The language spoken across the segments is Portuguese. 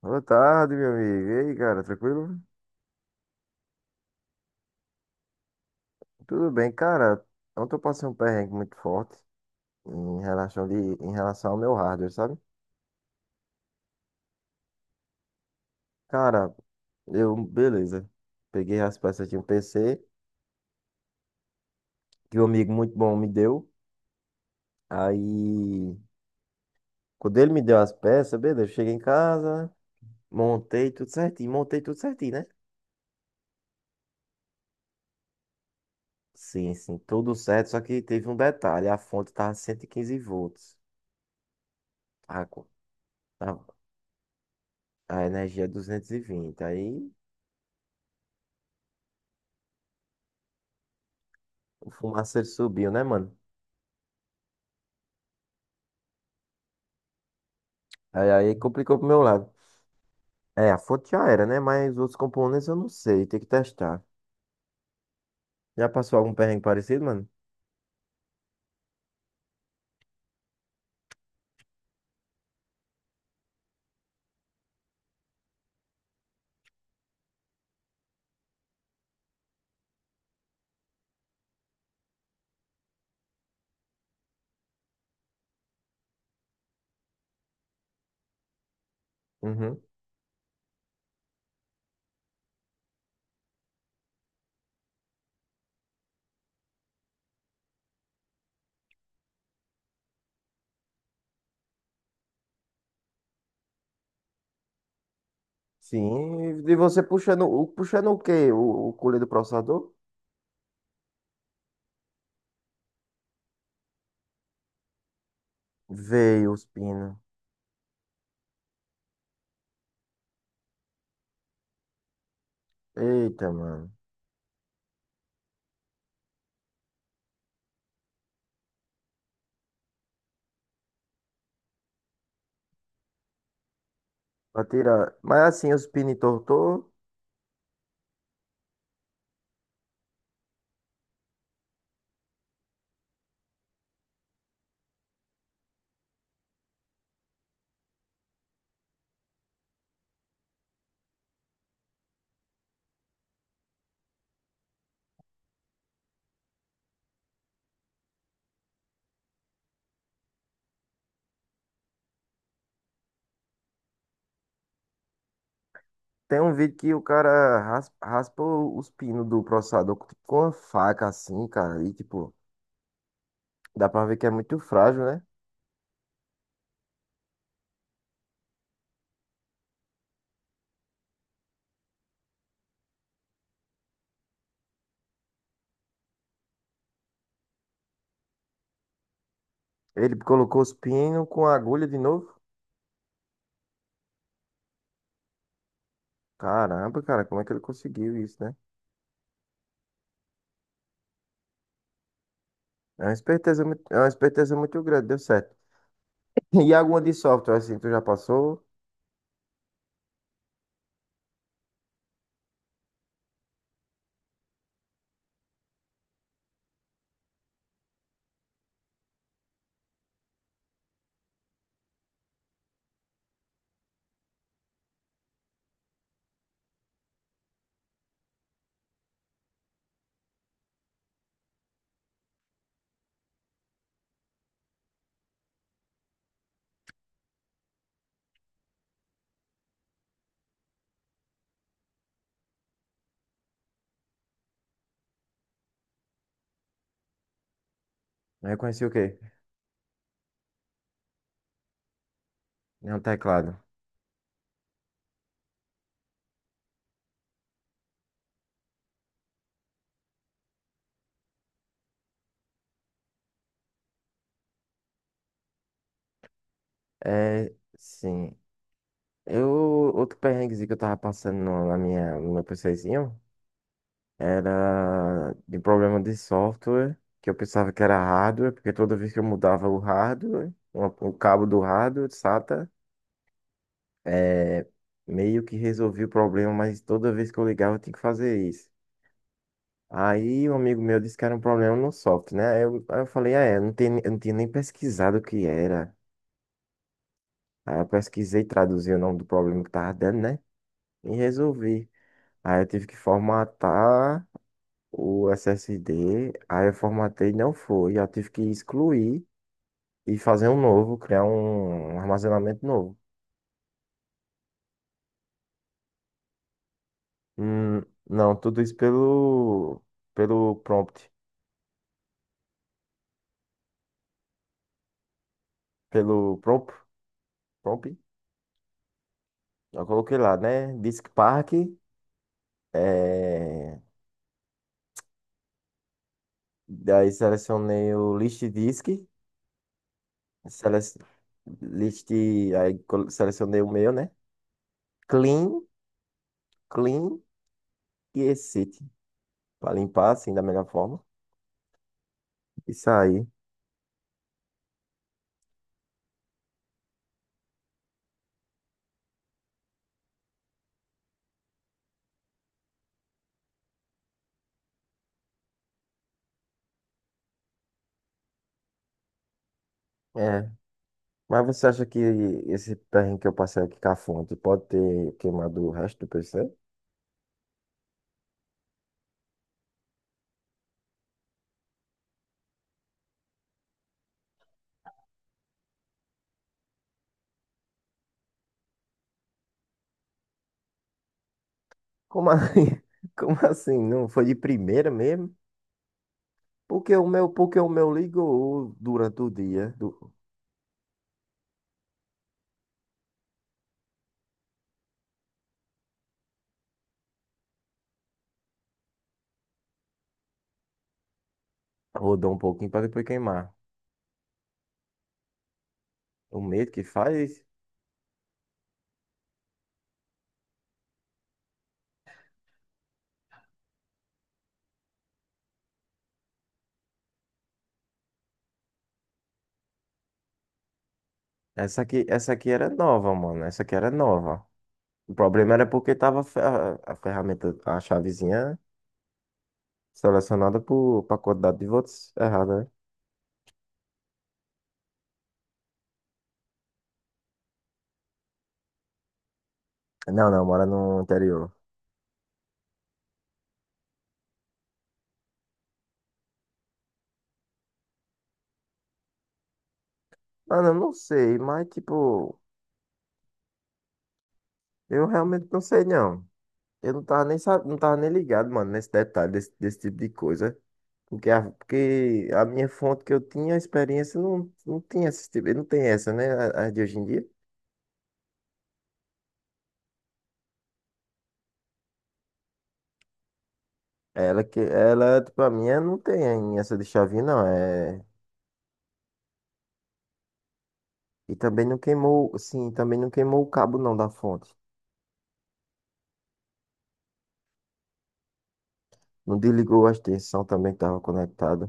Boa tarde, meu amigo. E aí, cara, tranquilo? Tudo bem, cara. Ontem eu passei um perrengue muito forte em relação, de, em relação ao meu hardware, sabe? Cara, beleza. Peguei as peças de um PC que um amigo muito bom me deu. Aí, quando ele me deu as peças, beleza, eu cheguei em casa, montei tudo certinho, né? Sim, sim, tudo certo, só que teve um detalhe, a fonte tava 115 V. A, co- a, a energia é 220. Aí. O fumaceiro subiu, né, mano? Aí complicou pro meu lado. É, a fonte já era, né? Mas os outros componentes eu não sei, tem que testar. Já passou algum perrengue parecido, mano? Uhum. Sim, e você puxando, puxando o quê? O colher do processador? Veio os pinos. Eita, mano. Pra tirar. Mas assim, os pinos entortou. Tem um vídeo que o cara raspa, raspa os pinos do processador com tipo, com uma faca assim, cara. E tipo, dá pra ver que é muito frágil, né? Ele colocou os pinos com a agulha de novo. Caramba, cara, como é que ele conseguiu isso, né? É uma esperteza muito grande, deu certo. E alguma de software, assim, tu já passou? Eu conheci o quê? Nenhum teclado. É, sim. Eu, outro perrenguezinho que eu tava passando no meu PCzinho era de problema de software, que eu pensava que era hardware, porque toda vez que eu mudava o hardware, o cabo do hardware, SATA, é, meio que resolvi o problema, mas toda vez que eu ligava eu tinha que fazer isso. Aí um amigo meu disse que era um problema no software, né? Aí eu falei, ah, é, não tem, eu não tinha nem pesquisado o que era. Aí eu pesquisei e traduzi o nome do problema que tava dando, né? E resolvi. Aí eu tive que formatar o SSD, aí eu formatei e não foi. Eu tive que excluir e fazer um novo, criar um armazenamento novo. Hum, não, tudo isso pelo prompt, pelo prompt. Eu coloquei lá, né? Disk Park, é... Daí selecionei o list disk, sele... list, aí selecionei o meu, né? Clean, clean e exit, para limpar assim da melhor forma. E sair. É. Mas você acha que esse perrengue que eu passei aqui com a fonte pode ter queimado o resto do PC? Como assim? Como assim? Não foi de primeira mesmo? Porque o meu ligou durante o dia, rodou um pouquinho para depois queimar. O medo que faz. Essa aqui era nova, mano. Essa aqui era nova. O problema era porque tava a ferramenta, a chavezinha selecionada pra quantidade de votos errada, né? Não, não, mora no interior. Mano, eu não sei, mas tipo, eu realmente não sei não. Eu não tava nem, sa- não tava nem ligado, mano, nesse detalhe, desse tipo de coisa. Porque a minha fonte que eu tinha, a experiência, não, não tinha esse tipo, não tem essa, né? A de hoje em dia. Tipo, a minha não tem essa de chavinha, não. É. E também não queimou, sim, também não queimou o cabo não da fonte. Não desligou a extensão também que estava conectada.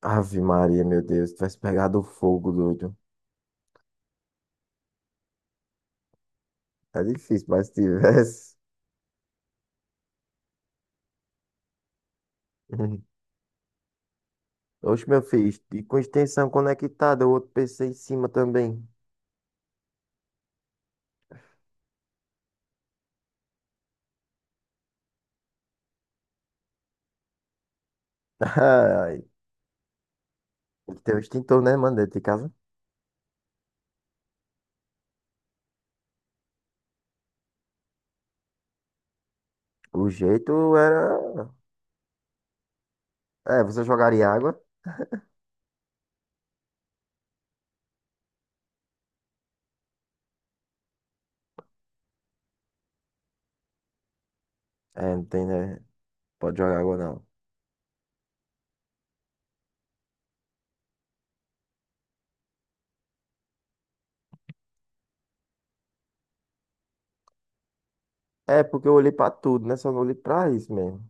Ave Maria, meu Deus, tivesse pegado fogo, doido. É difícil, mas se tivesse. Oxe, meu filho, e com extensão conectada, o outro PC em cima também. Ai, tem que ter um extintor, né, mano, dentro de casa? O jeito era. É, você jogaria água? É, não tem, né? Pode jogar água, não. É, porque eu olhei pra tudo, né? Só não olhei pra isso mesmo.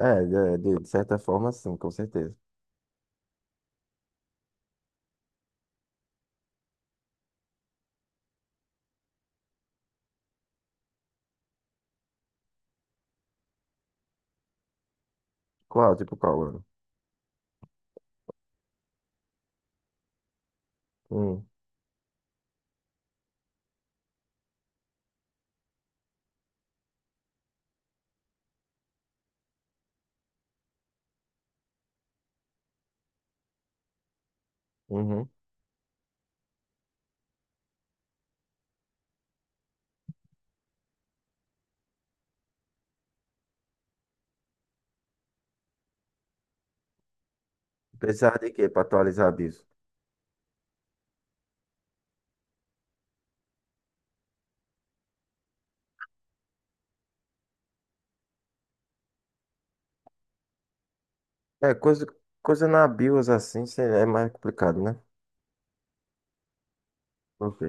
É, de certa forma, sim, com certeza. Qual? Tipo qual, ano? Hum, uhum. Precisava de quê pra atualizar a BIOS? É, coisa na BIOS assim é mais complicado, né? Ok.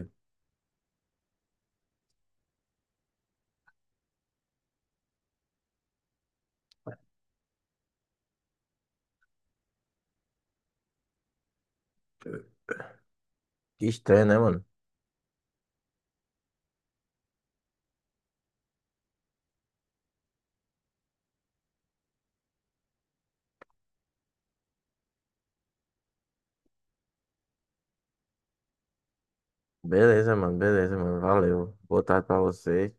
Que estranho, né, mano? Beleza, mano, beleza, mano. Valeu. Boa tarde pra você.